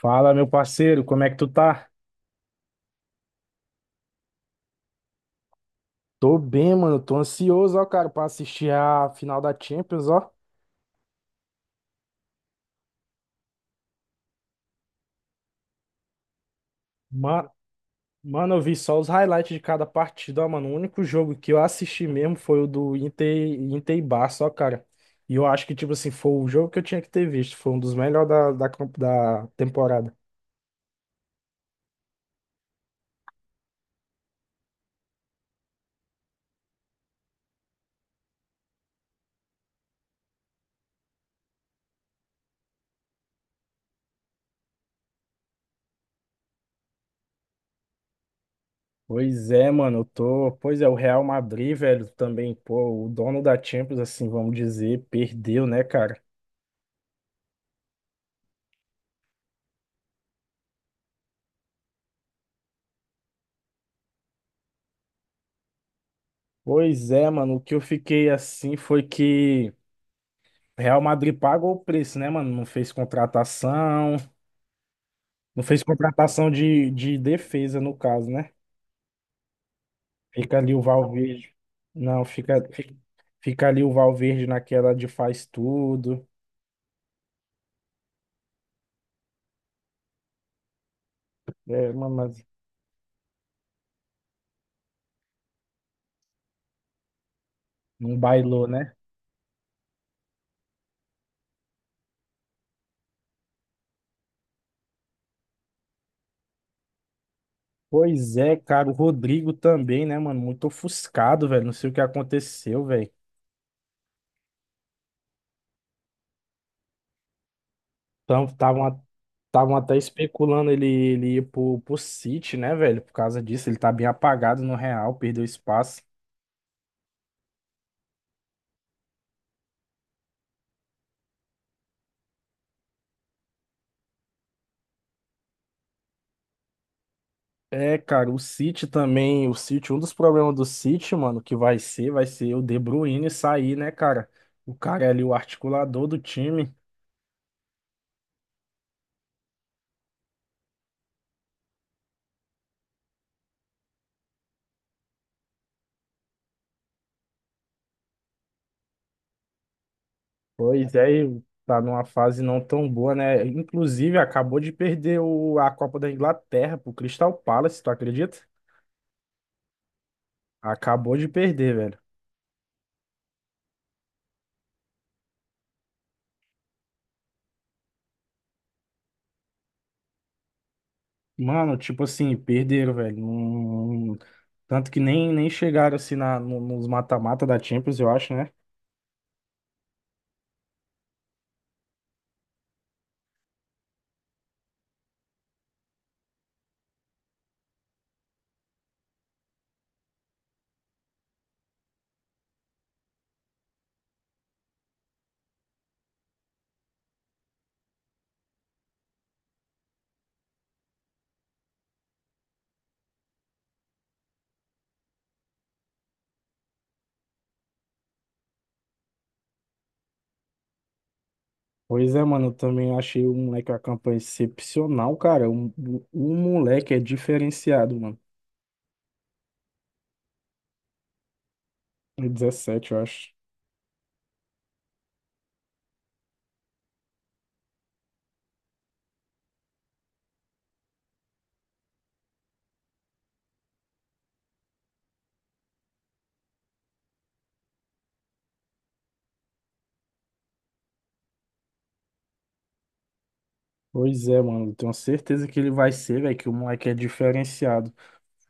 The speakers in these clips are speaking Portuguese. Fala, meu parceiro, como é que tu tá? Tô bem, mano. Tô ansioso, ó, cara, pra assistir a final da Champions, ó. mano Mano, eu vi só os highlights de cada partida, ó, mano. O único jogo que eu assisti mesmo foi o do Inter, Inter e Barça, ó, cara. E eu acho que, tipo assim, foi o jogo que eu tinha que ter visto. Foi um dos melhores da temporada. Pois é, mano. Eu tô. Pois é, o Real Madrid, velho, também, pô, o dono da Champions, assim, vamos dizer, perdeu, né, cara? Pois é, mano. O que eu fiquei assim foi que. Real Madrid pagou o preço, né, mano? Não fez contratação, não fez contratação de defesa, no caso, né? Fica ali o Valverde. Não, fica, fi- Fica ali o Valverde naquela de faz tudo. É, mano, mas não bailou, né? Pois é, cara, o Rodrigo também, né, mano? Muito ofuscado, velho. Não sei o que aconteceu, velho. Então, estavam até especulando ele ir pro City, né, velho? Por causa disso, ele tá bem apagado no Real, perdeu espaço. É, cara, o City também, o City, um dos problemas do City, mano, que vai ser o De Bruyne sair, né, cara? O cara é ali, o articulador do time. Pois é, e tá numa fase não tão boa, né? Inclusive, acabou de perder o, a Copa da Inglaterra pro Crystal Palace, tu acredita? Acabou de perder, velho. Mano, tipo assim, perderam, velho. Tanto que nem chegaram assim na, no- nos mata-mata da Champions, eu acho, né? Pois é, mano, eu também achei o moleque a campanha excepcional, cara. O moleque é diferenciado, mano. É 17, eu acho. Pois é, mano, eu tenho certeza que ele vai ser, velho, que o moleque é diferenciado.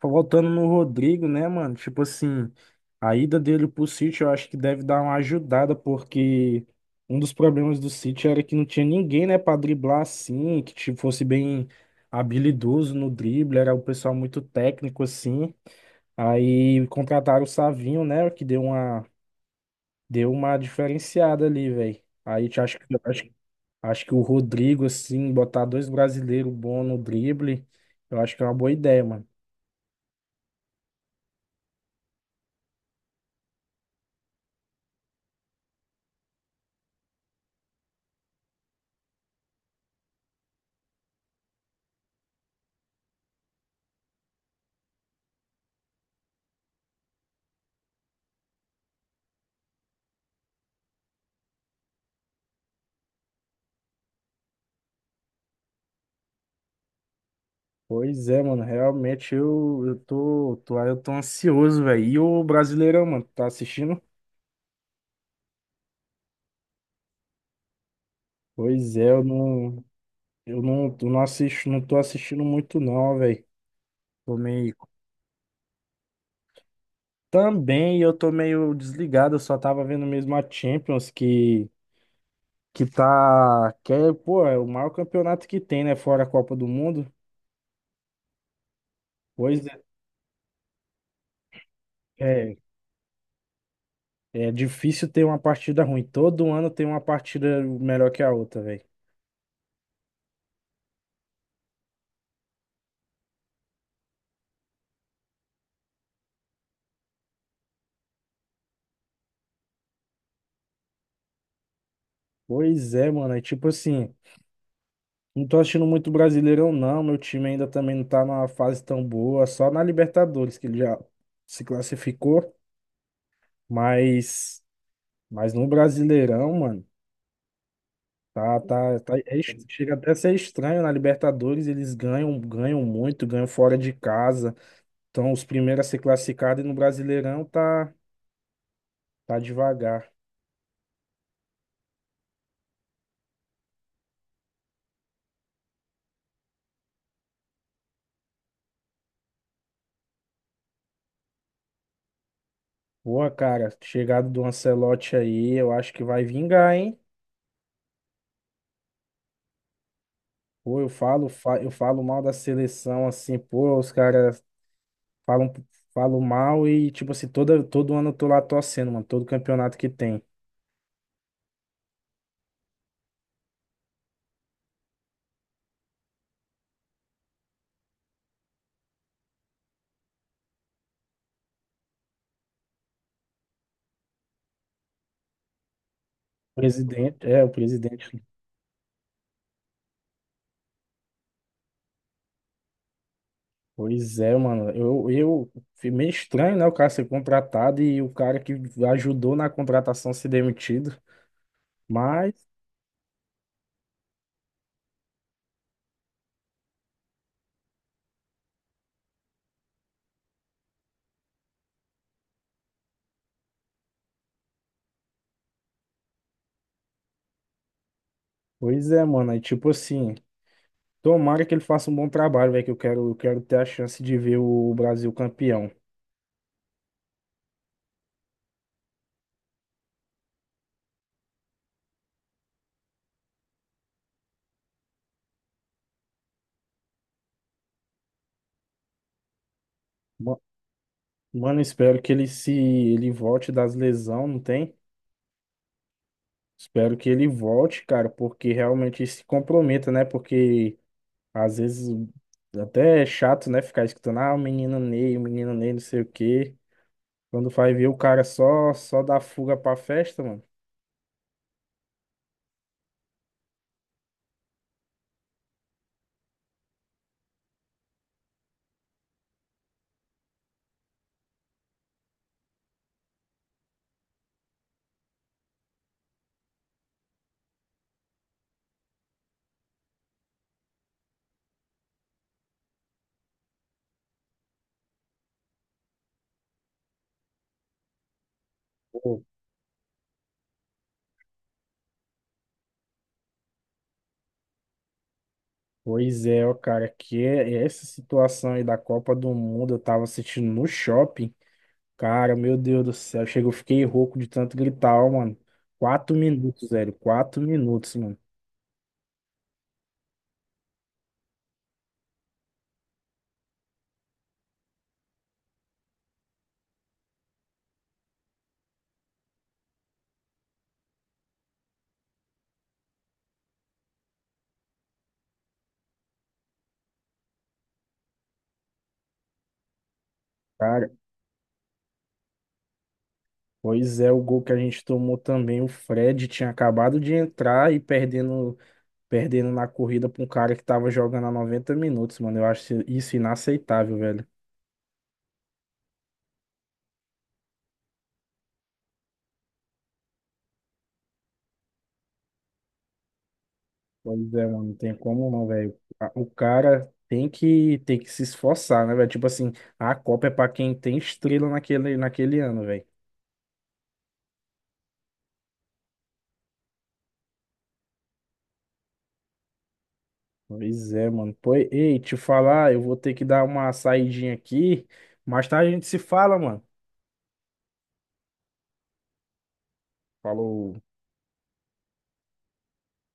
Voltando no Rodrigo, né, mano? Tipo assim, a ida dele pro City eu acho que deve dar uma ajudada, porque um dos problemas do City era que não tinha ninguém, né, pra driblar assim, que tipo, fosse bem habilidoso no drible, era um pessoal muito técnico assim. Aí contrataram o Savinho, né? Que deu uma diferenciada ali, velho. Aí te- acho que, acho, Acho que o Rodrigo, assim, botar dois brasileiros bons no drible, eu acho que é uma boa ideia, mano. Pois é, mano. Realmente eu tô ansioso, velho. E o Brasileirão, mano, tá assistindo? Pois é, eu não assisto, não tô assistindo muito, não, velho. Tô meio. Também eu tô meio desligado, eu só tava vendo mesmo a Champions que. Que tá. Que é, pô, é o maior campeonato que tem, né? Fora a Copa do Mundo. Pois é, é, é difícil ter uma partida ruim. Todo ano tem uma partida melhor que a outra, velho. Pois é, mano. É tipo assim, não tô achando muito Brasileirão, não. Meu time ainda também não tá numa fase tão boa. Só na Libertadores, que ele já se classificou. Mas, mas no Brasileirão, mano, chega até a ser estranho. Na Libertadores eles ganham, ganham muito, ganham fora de casa. Então, os primeiros a ser classificado e no Brasileirão tá devagar. Boa, cara, chegada do Ancelotti aí, eu acho que vai vingar, hein? Pô, eu falo, fa- Eu falo mal da seleção, assim, pô, os caras falam, falam mal e, tipo assim, todo ano eu tô lá torcendo, mano, todo campeonato que tem. Presidente, é, o presidente. Pois é, mano, fui meio estranho, né, o cara ser contratado e o cara que ajudou na contratação ser demitido, mas... Pois é, mano. Aí, tipo assim, tomara que ele faça um bom trabalho, velho, que eu quero ter a chance de ver o Brasil campeão. Ma- Mano, espero que ele se ele volte das lesão, não tem? Espero que ele volte, cara, porque realmente se comprometa, né? Porque às vezes até é chato, né, ficar escutando, ah, o menino Ney, não sei o quê. Quando vai ver o cara só dá fuga pra festa, mano. Pô, pois é, ó, cara, que é- essa situação aí da Copa do Mundo, eu tava assistindo no shopping. Cara, meu Deus do céu, chegou, fiquei rouco de tanto gritar, ó, mano. Quatro minutos, velho, quatro minutos, mano. Cara, pois é, o gol que a gente tomou também, o Fred tinha acabado de entrar e perdendo, perdendo na corrida pra um cara que tava jogando há 90 minutos, mano. Eu acho isso inaceitável, velho. Pois é, mano, não tem como não, velho. A- O cara tem que se esforçar, né, velho? Tipo assim, a Copa é pra quem tem estrela naquele ano, velho. Pois é, mano. Pois, ei, te falar, eu vou ter que dar uma saidinha aqui. Mais tarde a gente se fala, mano. Falou.